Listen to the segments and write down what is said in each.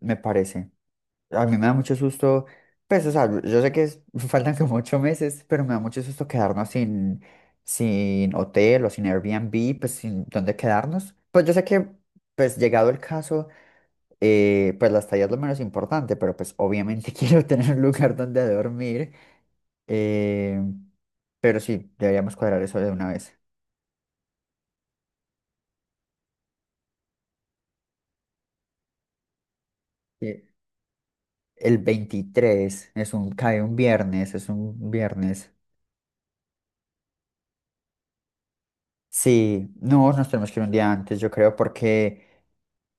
Me parece. A mí me da mucho susto, pues, o sea, yo sé que faltan como ocho meses, pero me da mucho susto quedarnos sin hotel o sin Airbnb, pues, sin dónde quedarnos. Pues yo sé que, pues, llegado el caso, pues la estadía es lo menos importante, pero pues obviamente quiero tener un lugar donde dormir. eh, pero sí, deberíamos cuadrar eso de una vez. Eh, El 23 es cae un viernes, es un viernes. Sí, no, nos tenemos que ir un día antes, yo creo, porque,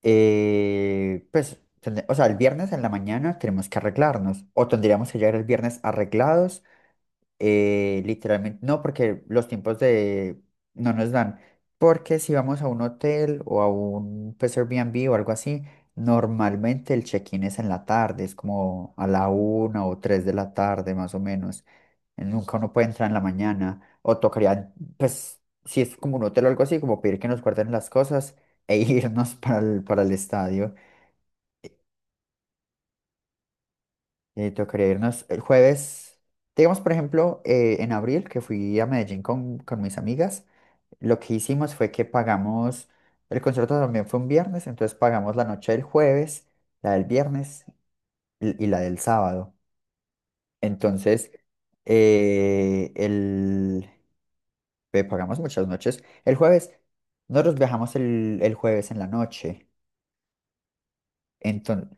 pues, o sea, el viernes en la mañana tenemos que arreglarnos, o tendríamos que llegar el viernes arreglados. Literalmente no, porque los tiempos de, no nos dan, porque si vamos a un hotel o a un, pues, Airbnb o algo así, normalmente el check-in es en la tarde, es como a la una o tres de la tarde, más o menos. Nunca uno puede entrar en la mañana. O tocaría, pues, si es como un hotel o algo así, como pedir que nos guarden las cosas e irnos para el estadio. Tocaría irnos el jueves. Digamos, por ejemplo, en abril, que fui a Medellín con mis amigas, lo que hicimos fue que pagamos, el concierto también fue un viernes, entonces pagamos la noche del jueves, la del viernes y la del sábado. Entonces, eh, el, pues, pagamos muchas noches. El jueves, nosotros viajamos el jueves en la noche. Entonces,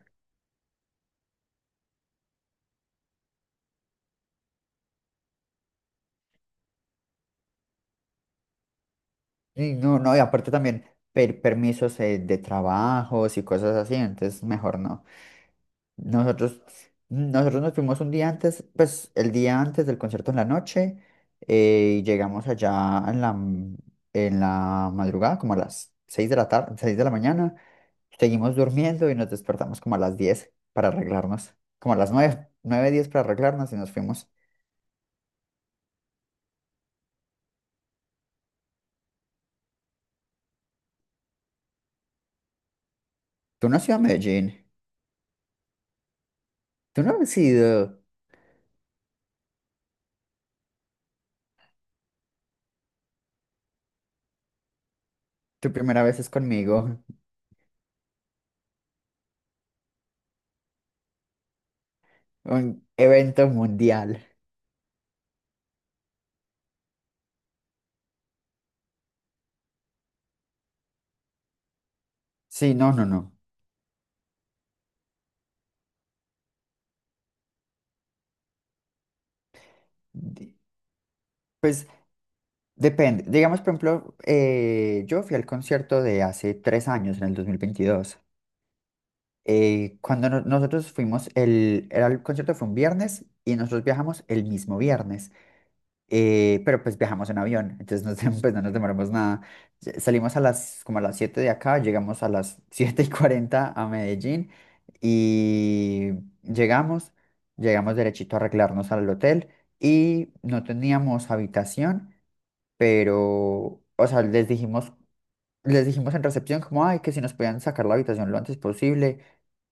no, no, y aparte también permisos de trabajos y cosas así, entonces mejor no. Nosotros, nosotros nos fuimos un día antes, pues el día antes del concierto en la noche, y llegamos allá en la madrugada, como a las 6 de la tarde, 6 de la mañana. Seguimos durmiendo y nos despertamos como a las 10 para arreglarnos, como a las 9 9 10 para arreglarnos y nos fuimos. Tú no has ido a Medellín. Tú no has ido. Tu primera vez es conmigo. Un evento mundial. Sí, no, no, no. Di- Pues depende. Digamos, por ejemplo, yo fui al concierto de hace tres años, en el 2022. Cuando nosotros fuimos, era el concierto fue un viernes y nosotros viajamos el mismo viernes. Pero pues viajamos en avión, entonces no, pues no nos demoramos nada. Salimos a como a las 7 de acá, llegamos a las 7 y 40 a Medellín y llegamos, llegamos derechito a arreglarnos al hotel y no teníamos habitación, pero, o sea, les dijimos en recepción como, ay, que si nos podían sacar la habitación lo antes posible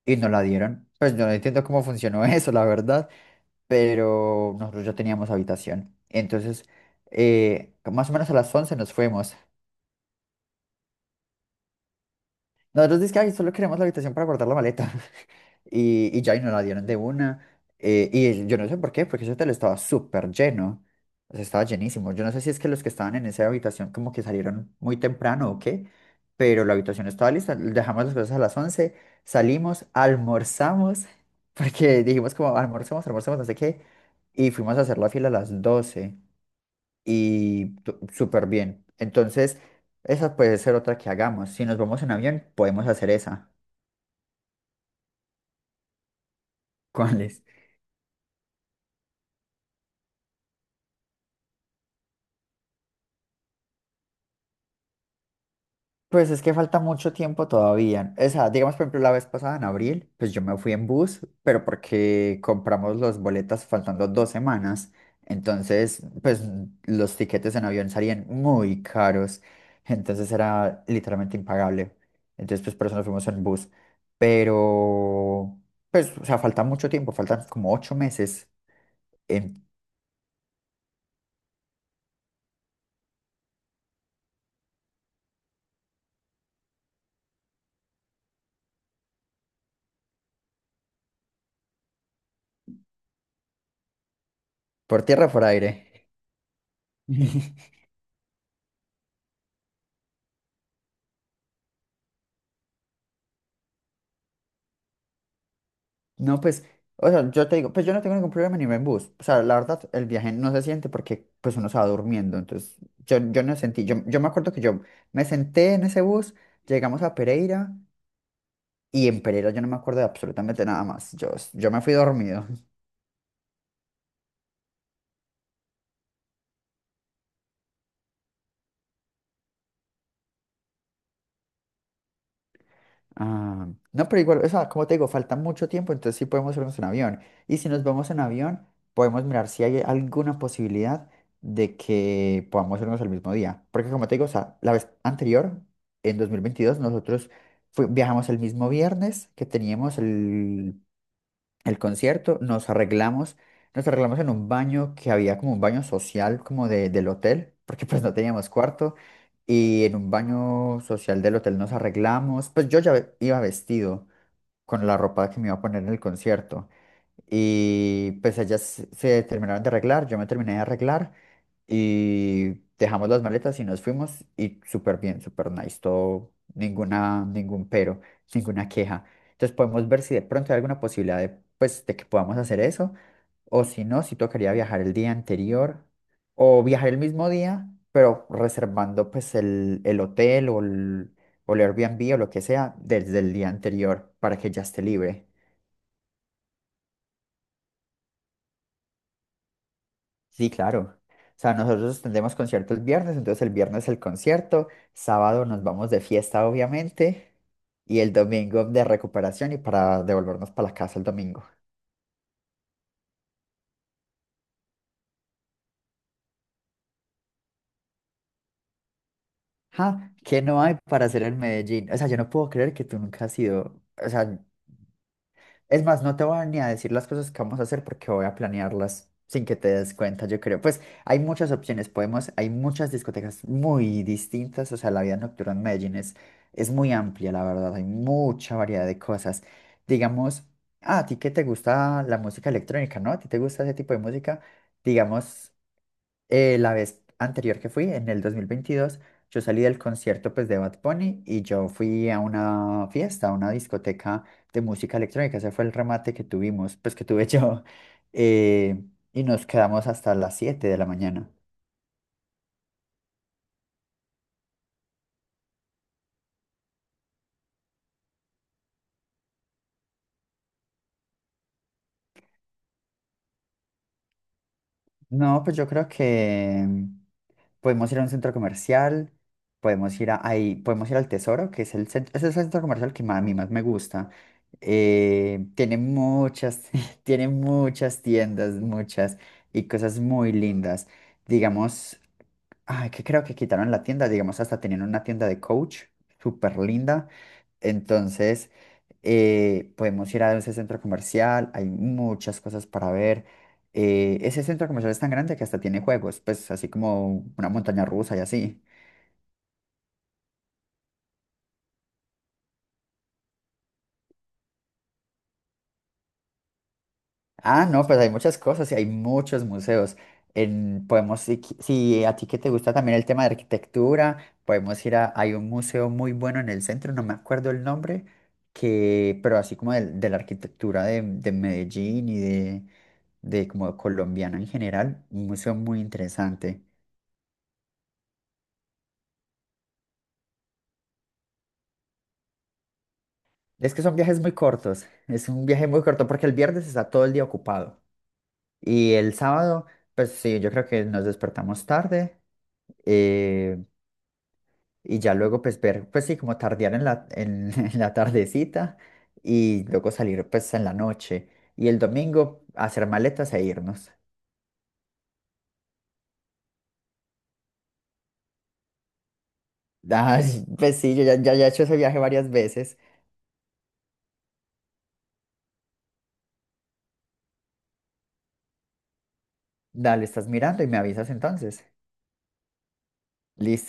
y nos la dieron. Pues yo no entiendo cómo funcionó eso, la verdad, pero nosotros ya teníamos habitación. Entonces, más o menos a las 11 nos fuimos. Nosotros dizque, "Ay, solo queremos la habitación para guardar la maleta." Y ya, y nos la dieron de una. Y yo no sé por qué, porque ese hotel estaba súper lleno. O sea, estaba llenísimo. Yo no sé si es que los que estaban en esa habitación como que salieron muy temprano o qué, pero la habitación estaba lista. Dejamos las cosas a las 11, salimos, almorzamos, porque dijimos como almorzamos, almorzamos, no sé qué, y fuimos a hacer la fila a las 12. Súper bien. Entonces, esa puede ser otra que hagamos. Si nos vamos en avión, podemos hacer esa. ¿Cuáles? Pues es que falta mucho tiempo todavía. Esa, digamos, por ejemplo, la vez pasada en abril, pues yo me fui en bus, pero porque compramos los boletas faltando dos semanas. Entonces, pues los tiquetes en avión salían muy caros. Entonces era literalmente impagable. Entonces, pues por eso nos fuimos en bus. Pero, pues, o sea, falta mucho tiempo, faltan como ocho meses en- por tierra o por aire. No, pues, o sea, yo te digo, pues yo no tengo ningún problema ni en bus. O sea, la verdad, el viaje no se siente porque pues uno estaba durmiendo. Entonces, yo no sentí, yo me acuerdo que yo me senté en ese bus, llegamos a Pereira y en Pereira yo no me acuerdo de absolutamente nada más. Yo me fui dormido. Ah, no, pero igual, o sea, como te digo, falta mucho tiempo, entonces sí podemos irnos en avión. Y si nos vamos en avión, podemos mirar si hay alguna posibilidad de que podamos irnos el mismo día. Porque como te digo, o sea, la vez anterior, en 2022 nosotros viajamos el mismo viernes que teníamos el concierto, nos arreglamos en un baño que había como un baño social como del hotel, porque pues no teníamos cuarto, y en un baño social del hotel nos arreglamos, pues yo ya iba vestido con la ropa que me iba a poner en el concierto, y pues ellas se terminaron de arreglar, yo me terminé de arreglar y dejamos las maletas y nos fuimos y súper bien, súper nice, todo, ninguna, ningún pero, ninguna queja. Entonces podemos ver si de pronto hay alguna posibilidad de, pues, de que podamos hacer eso, o si no, si tocaría viajar el día anterior o viajar el mismo día, pero reservando pues el hotel o el Airbnb o lo que sea desde el día anterior para que ya esté libre. Sí, claro. O sea, nosotros tendremos conciertos el viernes, entonces el viernes el concierto, sábado nos vamos de fiesta, obviamente, y el domingo de recuperación y para devolvernos para la casa el domingo. Ja, ¿qué no hay para hacer en Medellín? O sea, yo no puedo creer que tú nunca has ido. O sea, es más, no te voy a ni a decir las cosas que vamos a hacer porque voy a planearlas sin que te des cuenta, yo creo. Pues hay muchas opciones, podemos, hay muchas discotecas muy distintas, o sea, la vida nocturna en Medellín es muy amplia, la verdad, hay mucha variedad de cosas. Digamos, ah, a ti que te gusta la música electrónica, ¿no? ¿A ti te gusta ese tipo de música? Digamos, la vez anterior que fui, en el 2022, yo salí del concierto, pues, de Bad Bunny y yo fui a una fiesta, a una discoteca de música electrónica. Ese fue el remate que tuvimos, pues que tuve yo. eh, y nos quedamos hasta las 7 de la mañana. No, pues yo creo que podemos ir a un centro comercial, podemos ir al Tesoro, que es el centro comercial que a mí más me gusta. Tiene muchas, tiene muchas tiendas, muchas, y cosas muy lindas. Digamos, ay, que creo que quitaron la tienda, digamos, hasta tenían una tienda de Coach, súper linda. Entonces, podemos ir a ese centro comercial, hay muchas cosas para ver. Ese centro comercial es tan grande que hasta tiene juegos, pues así como una montaña rusa y así. Ah, no, pues hay muchas cosas y hay muchos museos. En- podemos, si, qui- si a ti que te gusta también el tema de arquitectura, hay un museo muy bueno en el centro, no me acuerdo el nombre, pero así como la arquitectura de Medellín y de como colombiana en general, un museo muy interesante. Es que son viajes muy cortos, es un viaje muy corto porque el viernes está todo el día ocupado y el sábado, pues sí, yo creo que nos despertamos tarde. eh, y ya luego pues ver, pues sí, como tardear en la, en, en la tardecita y luego salir pues en la noche y el domingo hacer maletas e irnos. Ay, pues sí, yo ya, ya he hecho ese viaje varias veces. Dale, estás mirando y me avisas entonces. Listo.